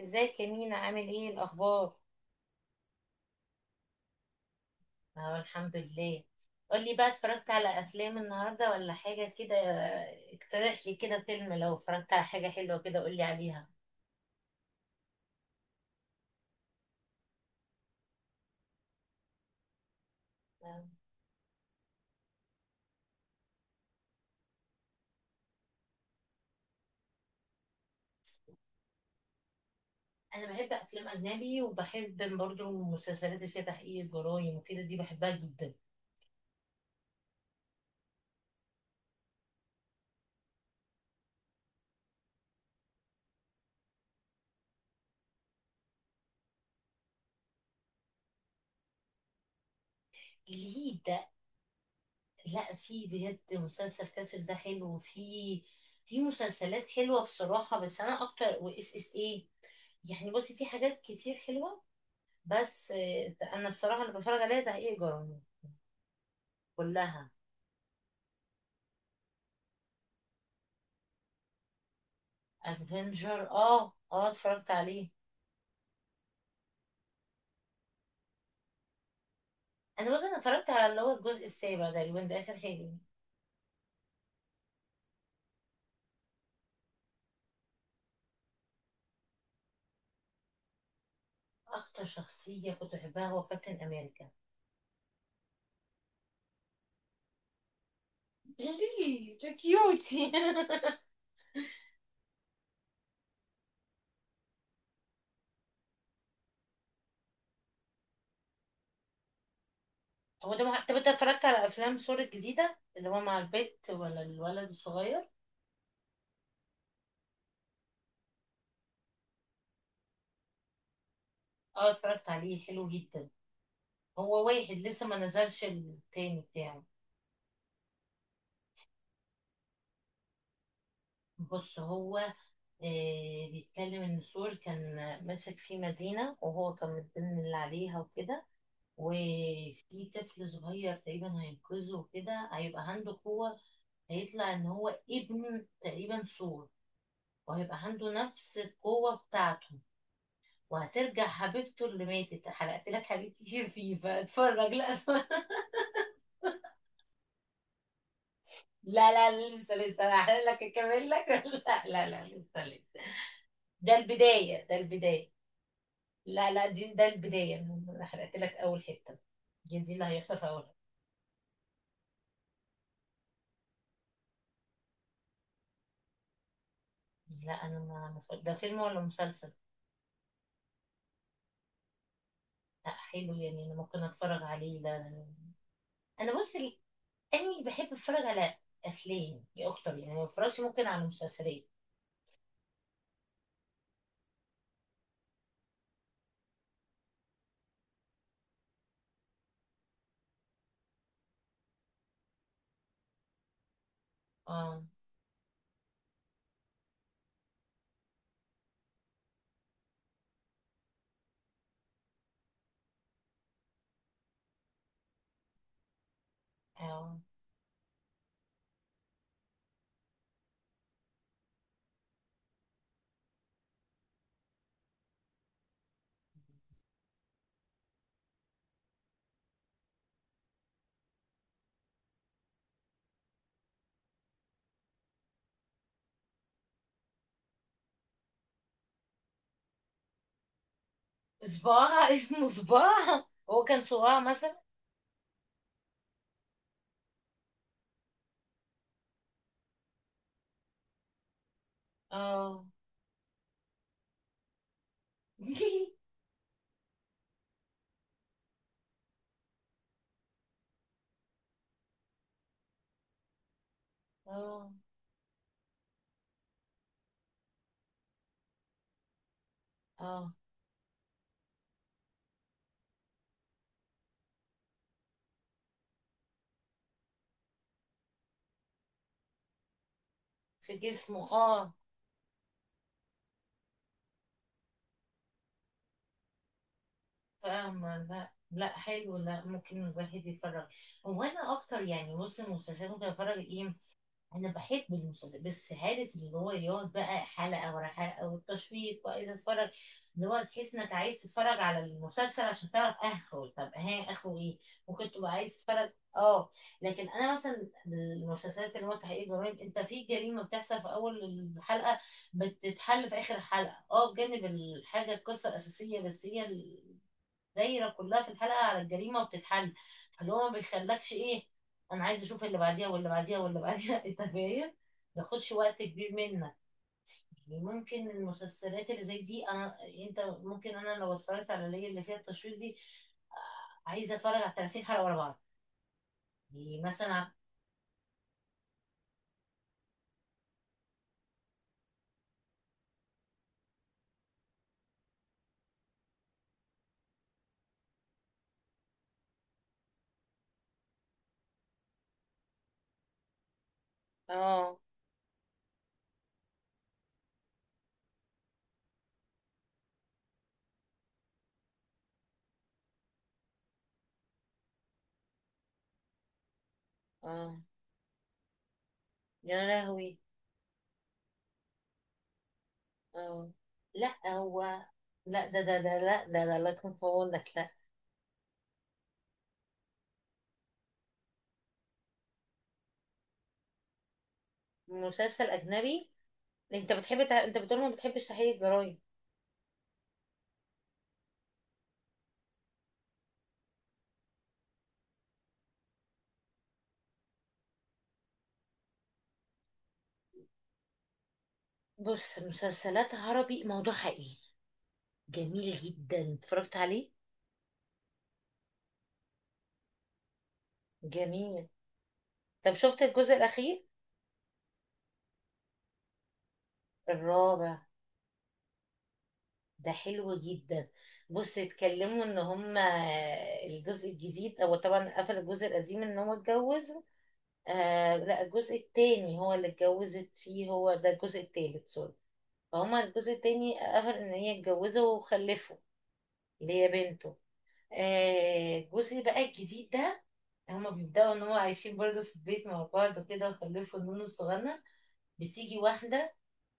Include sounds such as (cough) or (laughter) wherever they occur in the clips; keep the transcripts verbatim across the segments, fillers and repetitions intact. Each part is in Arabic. ازيك يا مينا؟ عامل ايه الاخبار؟ اه، الحمد لله. قولي بقى، اتفرجت على افلام النهارده ولا حاجه كده؟ اقترح لي كده فيلم، لو اتفرجت على حاجه حلوه كده قولي عليها. اه، انا بحب افلام اجنبي، وبحب برضو المسلسلات اللي فيها تحقيق الجرايم وكده، دي بحبها جدا. ليه ده؟ لا، في بجد مسلسل كاسل ده حلو، وفي في مسلسلات حلوه بصراحه، بس انا اكتر واس اس ايه، يعني بصي في حاجات كتير حلوه. بس آه، انا بصراحه اللي بتفرج عليها تحقيق جرامي كلها. افنجر، اه اه اتفرجت عليه. انا بص، انا اتفرجت على اللي هو الجزء السابع ده، اللي ده اخر حاجه. اكتر شخصيه كنت بحبها هو كابتن امريكا. ليه ده؟ كيوتي. (laughs) هو ده مح... طب انت اتفرجت على افلام سور الجديده اللي هو مع البت ولا الولد الصغير؟ اه اتفرجت عليه، حلو جدا. هو واحد لسه ما نزلش التاني بتاعه. بص هو، آه، بيتكلم ان سول كان ماسك في مدينة، وهو كان متضمن اللي عليها وكده، وفي طفل صغير تقريبا هينقذه، وكده هيبقى عنده قوة. هيطلع ان هو ابن تقريبا سول، وهيبقى عنده نفس القوة بتاعته. وهترجع حبيبته اللي ماتت. حرقت لك حاجات كتير فيه، فاتفرج لا اتفرج. (laughs) لا لا لسه لسه هحرق لك، اكمل لك. (laughs) لا لا لا لسه لسه. ده البداية ده البداية. لا لا دي ده البداية. أنا حرقت لك أول حتة، دي دي اللي هيحصل في أول حتة. لا، أنا ما ما ف- ده فيلم ولا مسلسل؟ لا حلو، يعني أنا ممكن أتفرج عليه ده. أنا أنا بص ال- أنمي بحب أتفرج على أفلام دي أكتر، يعني ما بتفرجش ممكن على مسلسلات. آه. آه. صباع (laughs) اسمه صباع؟ هو كان صباع مثلا؟ آه. (laughs) آه. آه. في جسمه، آه. فاهمة. لا لا حلو، لا ممكن الواحد يتفرج. هو انا اكتر، يعني بص المسلسلات ممكن اتفرج ايه. انا بحب المسلسلات، بس عارف اللي هو يقعد بقى حلقة ورا حلقة، والتشويق وعايز اتفرج. اللي هو تحس انك عايز تتفرج على المسلسل عشان تعرف اخره. طب ها اخره ايه؟ ممكن تبقى عايز تتفرج، اه. لكن انا مثلا المسلسلات اللي هو تحقيق جرائم، انت في جريمة بتحصل في اول الحلقة، بتتحل في اخر حلقة، اه. بجانب الحاجة القصة الاساسية، بس هي دايره كلها في الحلقه على الجريمه وبتتحل. فاللي هو ما بيخلكش ايه، انا عايز اشوف اللي بعديها واللي بعديها واللي بعديها. (laughs) انت فاهم، ما ياخدش وقت كبير منك. يعني ممكن المسلسلات اللي زي دي، انا انت ممكن انا لو اتفرجت على اللي هي اللي فيها التشويق دي، آه، عايزه اتفرج على تلاتين حلقه ورا بعض، يعني مثلا. اه. اه. يا لهوي. اه. لا هو، لا ده ده ده لا ده ده الله يكون في عونك. لا، مسلسل اجنبي. انت بتحب تع... انت بتقول ما بتحبش تحقيق الجرايم. بص، مسلسلات عربي موضوع حقيقي جميل جدا، اتفرجت عليه. جميل. طب شفت الجزء الأخير؟ الرابع ده حلو جدا. بص، اتكلموا ان هما الجزء الجديد، هو طبعا قفل الجزء القديم ان هو اتجوز. آه لا، الجزء التاني هو اللي اتجوزت فيه، هو ده الجزء التالت، سوري. فهما الجزء التاني قفل ان هي اتجوزه وخلفه، اللي هي بنته. آه، جوزي بقى الجديد ده، هما بيبدأوا ان هو عايشين برضه في البيت مع بعض كده، وخلفوا النونو الصغنن. بتيجي واحدة،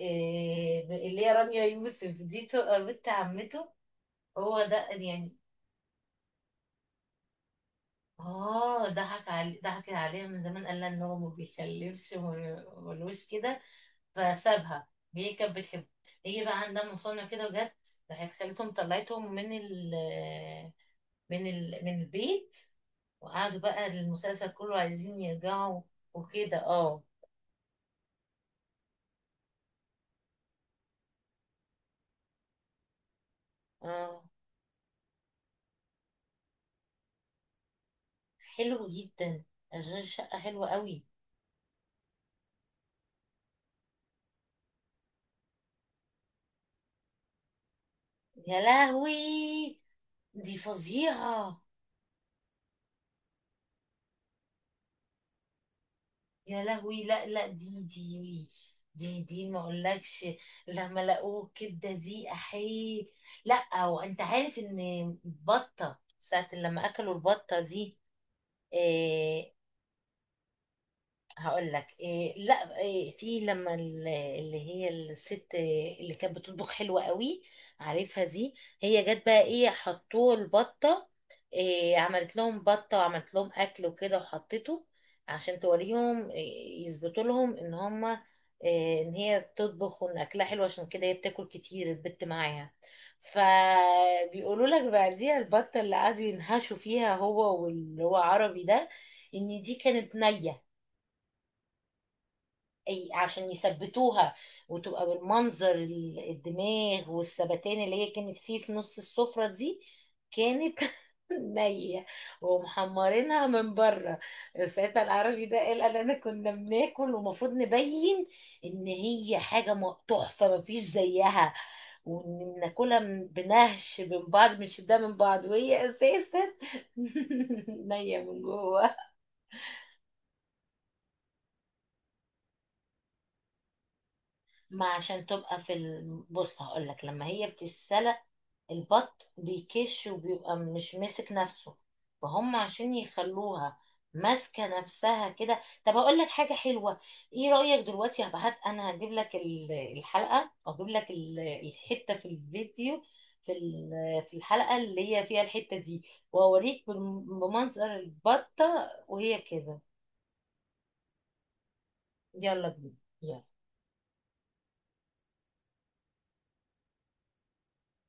آه، اللي هي رانيا يوسف دي، تبقى بنت عمته هو ده يعني. اه، ضحك علي ضحك عليها من زمان، قال لها ان هو ما بيخلفش، وما- ملوش كده، فسابها. هي كانت بتحبه، هي بقى عندها مصنع كده، وجت راحت خالتهم طلعتهم من ال من ال... من البيت. وقعدوا بقى المسلسل كله عايزين يرجعوا وكده، اه. اه، حلو جدا. اشغال شقة حلوة قوي. يا لهوي، دي فظيعة. يا لهوي، لا لا دي دي دي دي ما اقولكش. لما لقوه الكبدة دي، احيه. لا، وانت عارف ان بطة ساعة لما اكلوا البطة دي، آه، هقول لك إيه. لا إيه، في لما ال- اللي هي الست اللي كانت بتطبخ حلوة قوي، عارفها دي، هي جت بقى ايه، حطوه البطة إيه. عملت لهم بطة وعملت لهم اكل وكده، وحطيته عشان توريهم إيه، يثبتوا لهم ان هما إيه، ان هي بتطبخ، وان اكلها حلو، عشان كده هي بتاكل كتير البت معاها. فبيقولوا لك بقى دي البطة اللي قعدوا ينهشوا فيها هو واللي هو عربي ده، ان دي كانت نية. أي- عشان يثبتوها وتبقى بالمنظر ال- الدماغ والثبتان اللي هي كانت فيه في نص السفرة دي، كانت (laughs) نية، ومحمرينها من بره. ساعتها العربي ده قال، قال انا كنا بناكل، ومفروض نبين ان هي حاجة م- تحفة مفيش زيها، وان بناكلها من- بنهش من بعض، مش ده من بعض، وهي اساسا (laughs) نية من جوه. ما عشان تبقى في ال... بص هقول لك، لما هي بتتسلق البط بيكش، وبيبقى مش ماسك نفسه، فهم عشان يخلوها ماسكه نفسها كده. طب اقول لك حاجه حلوه، ايه رايك دلوقتي هبعت، انا هجيب لك ال- الحلقه، او هجيب لك ال- الحته في الفيديو، في ال- في الحلقه اللي هي فيها الحته دي، واوريك بم- بمنظر البطه وهي كده. يلا بينا، يلا.